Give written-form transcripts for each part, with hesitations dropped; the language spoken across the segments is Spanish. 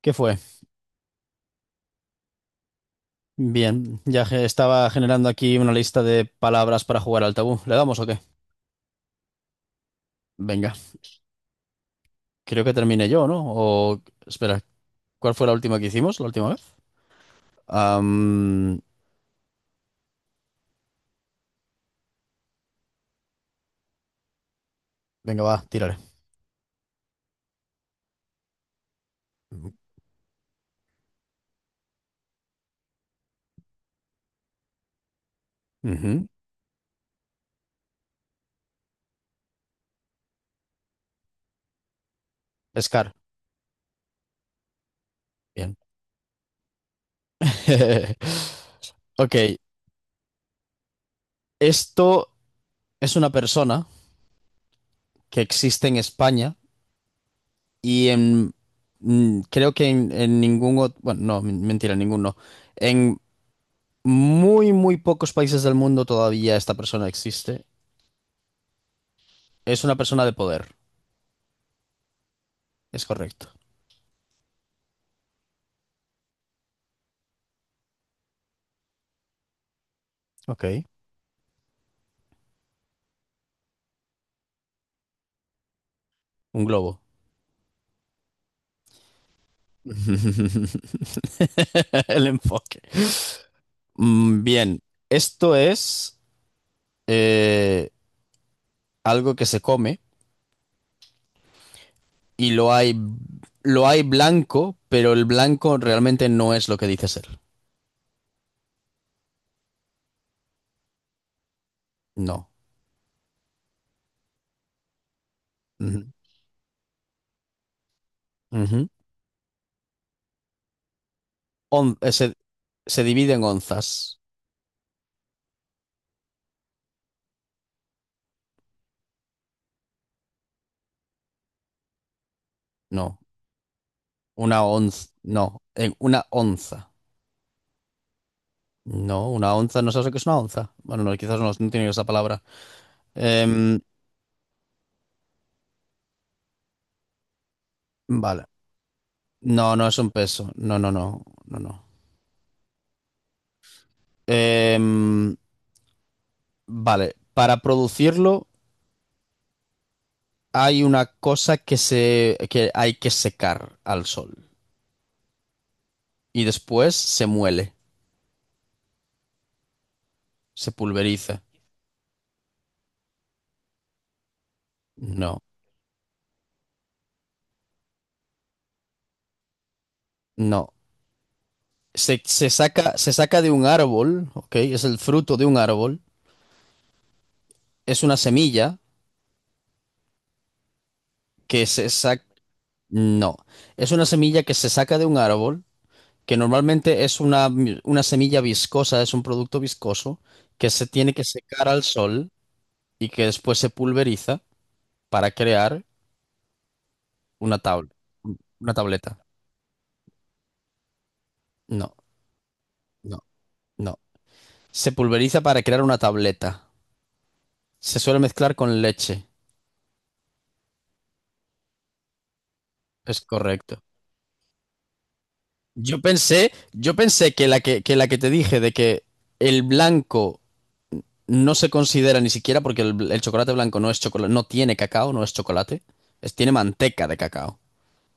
¿Qué fue? Bien, estaba generando aquí una lista de palabras para jugar al tabú. ¿Le damos o qué? Venga, creo que terminé yo, ¿no? O espera, ¿cuál fue la última que hicimos? ¿La última vez? Am, Venga, va, tírale. Ujú. Scar, bien. Ok, esto es una persona que existe en España y en... Creo que en ningún otro. Bueno, no, mentira, en ningún no. Muy, muy pocos países del mundo todavía esta persona existe. Es una persona de poder, es correcto. Ok. Un globo. El enfoque. Bien, esto es eh, algo que se come y lo hay blanco, pero el blanco realmente no es lo que dice ser. No. Ujú. Ujú. On- eh, se, se divide en onzas. No. Una onza. No. En una onza. No, una onza, no sé lo que es una onza. Bueno, no, quizás no, no tiene esa palabra. Em, vale. No, no es un peso. No, no, no, no, no. Em, vale. Para producirlo hay una cosa que hay que secar al sol. Y después se muele, se pulveriza. No, no. Se saca de un árbol, ¿ok? Es el fruto de un árbol. Es una semilla que se saca. No. Es una semilla que se saca de un árbol que normalmente es una semilla viscosa, es un producto viscoso que se tiene que secar al sol y que después se pulveriza para crear una tabla, una tableta. No, no, no. Se pulveriza para crear una tableta. Se suele mezclar con leche. Es correcto. Yo pensé que la que te dije de que el blanco no se considera ni siquiera porque el chocolate blanco no es chocolate, no tiene cacao, no es chocolate, tiene manteca de cacao.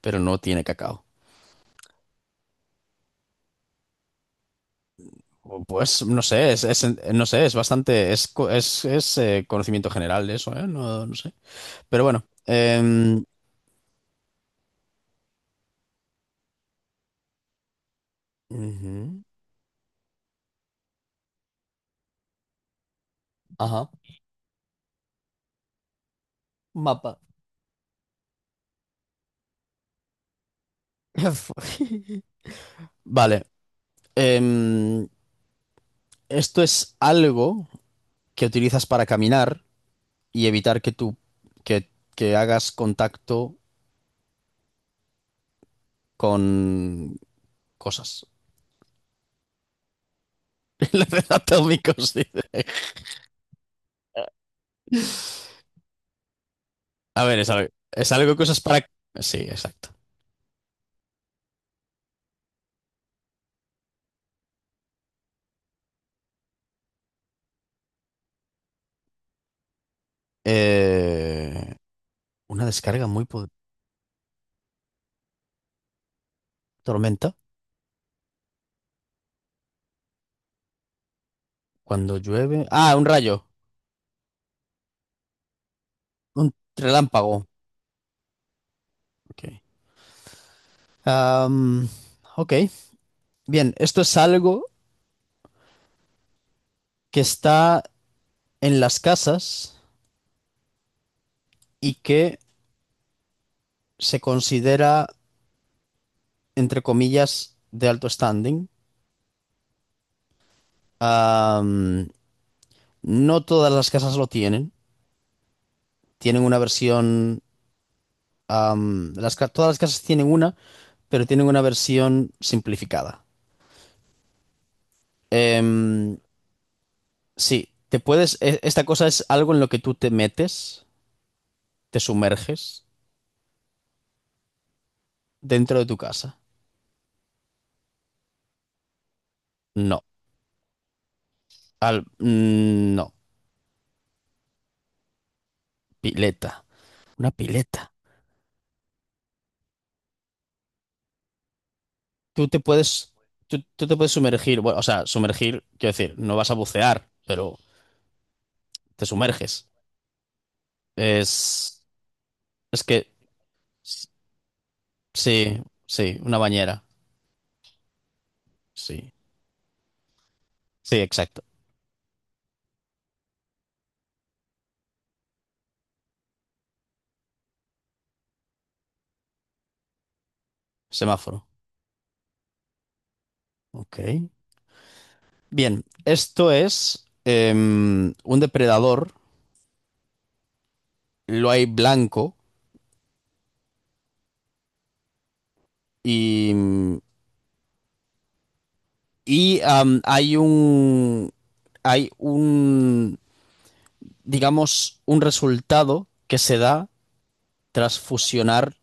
Pero no tiene cacao. Pues no sé, no sé, es bastante, es, co- es, conocimiento general de eso, ¿eh? No, no sé. Pero bueno. Ujú. Ajá. Mapa. Vale. em, Esto es algo que utilizas para caminar y evitar que, que hagas contacto con cosas. Enlaces Atómicos, dice. A ver, es algo que usas para. Sí, exacto. Eh, una descarga muy po- Tormenta. Cuando llueve. Ah, un rayo. Un relámpago. Ok. Am, ok. Bien, esto es algo que está en las casas y que se considera, entre comillas, de alto standing. Am, no todas las casas lo tienen. Tienen una versión. Todas las casas tienen una, pero tienen una versión simplificada. Em, Sí, te puedes. Esta cosa es algo en lo que tú te metes, te sumerges dentro de tu casa. No. No. Pileta. Una pileta. Tú te puedes. Tú te puedes sumergir. Bueno, o sea, sumergir, quiero decir, no vas a bucear, pero te sumerges. Es. Es que. Sí, sí, una bañera. Sí. Sí, exacto. Semáforo. Ok. Bien, esto es un depredador. Lo hay blanco Y, y hay un, digamos, un resultado que se da tras fusionar,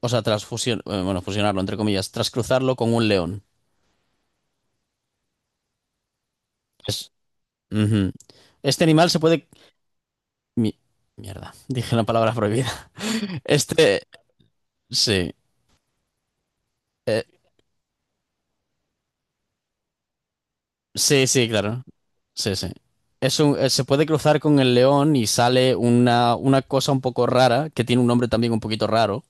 o sea, tras bueno, fusionarlo, entre comillas, tras cruzarlo con un león. Es- Ujú. Este animal se puede. mi- Mierda, dije la palabra prohibida. Este, sí, eh, sí, sí, claro. Sí, sí. Se puede cruzar con el león y sale una cosa un poco rara, que tiene un nombre también un poquito raro.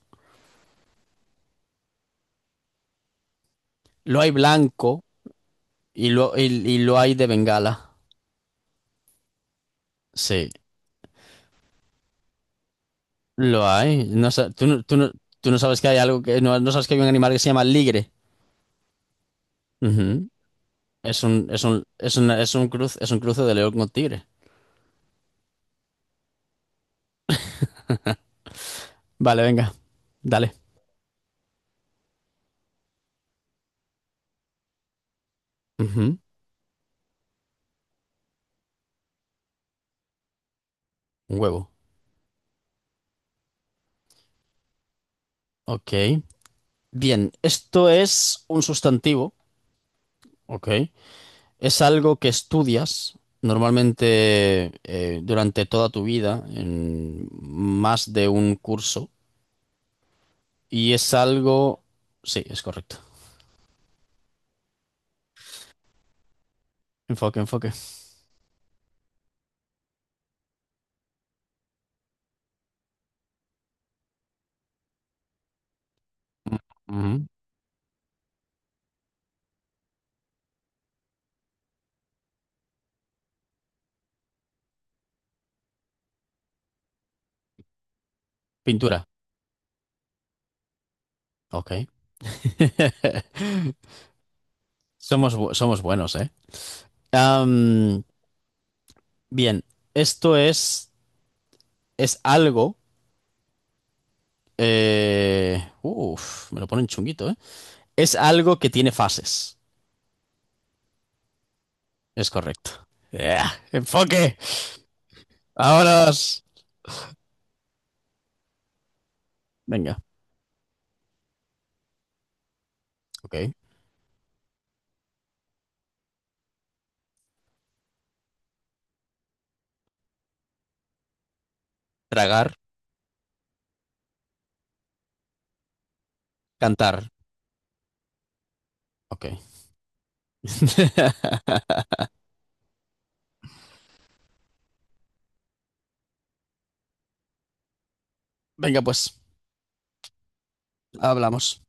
Lo hay blanco y lo hay de Bengala. Sí, lo hay. No, tú no sabes que hay algo que. No, no sabes que hay un animal que se llama ligre. Ujú. Es un cruce de león con tigre. Vale, venga. Dale. Ujú. Un huevo. Ok. Bien, esto es un sustantivo. Ok. Es algo que estudias normalmente durante toda tu vida en más de un curso. Y es algo. Sí, es correcto. Enfoque, enfoque. Ujú. Pintura. Ok. Somos buenos, ¿eh? Am, Bien, esto es algo. Uf, me lo ponen chunguito, ¿eh? Es algo que tiene fases. Es correcto. ¡Ea! Enfoque. Vámonos. Venga. Ok. Tragar, cantar. Ok. Venga, pues, hablamos.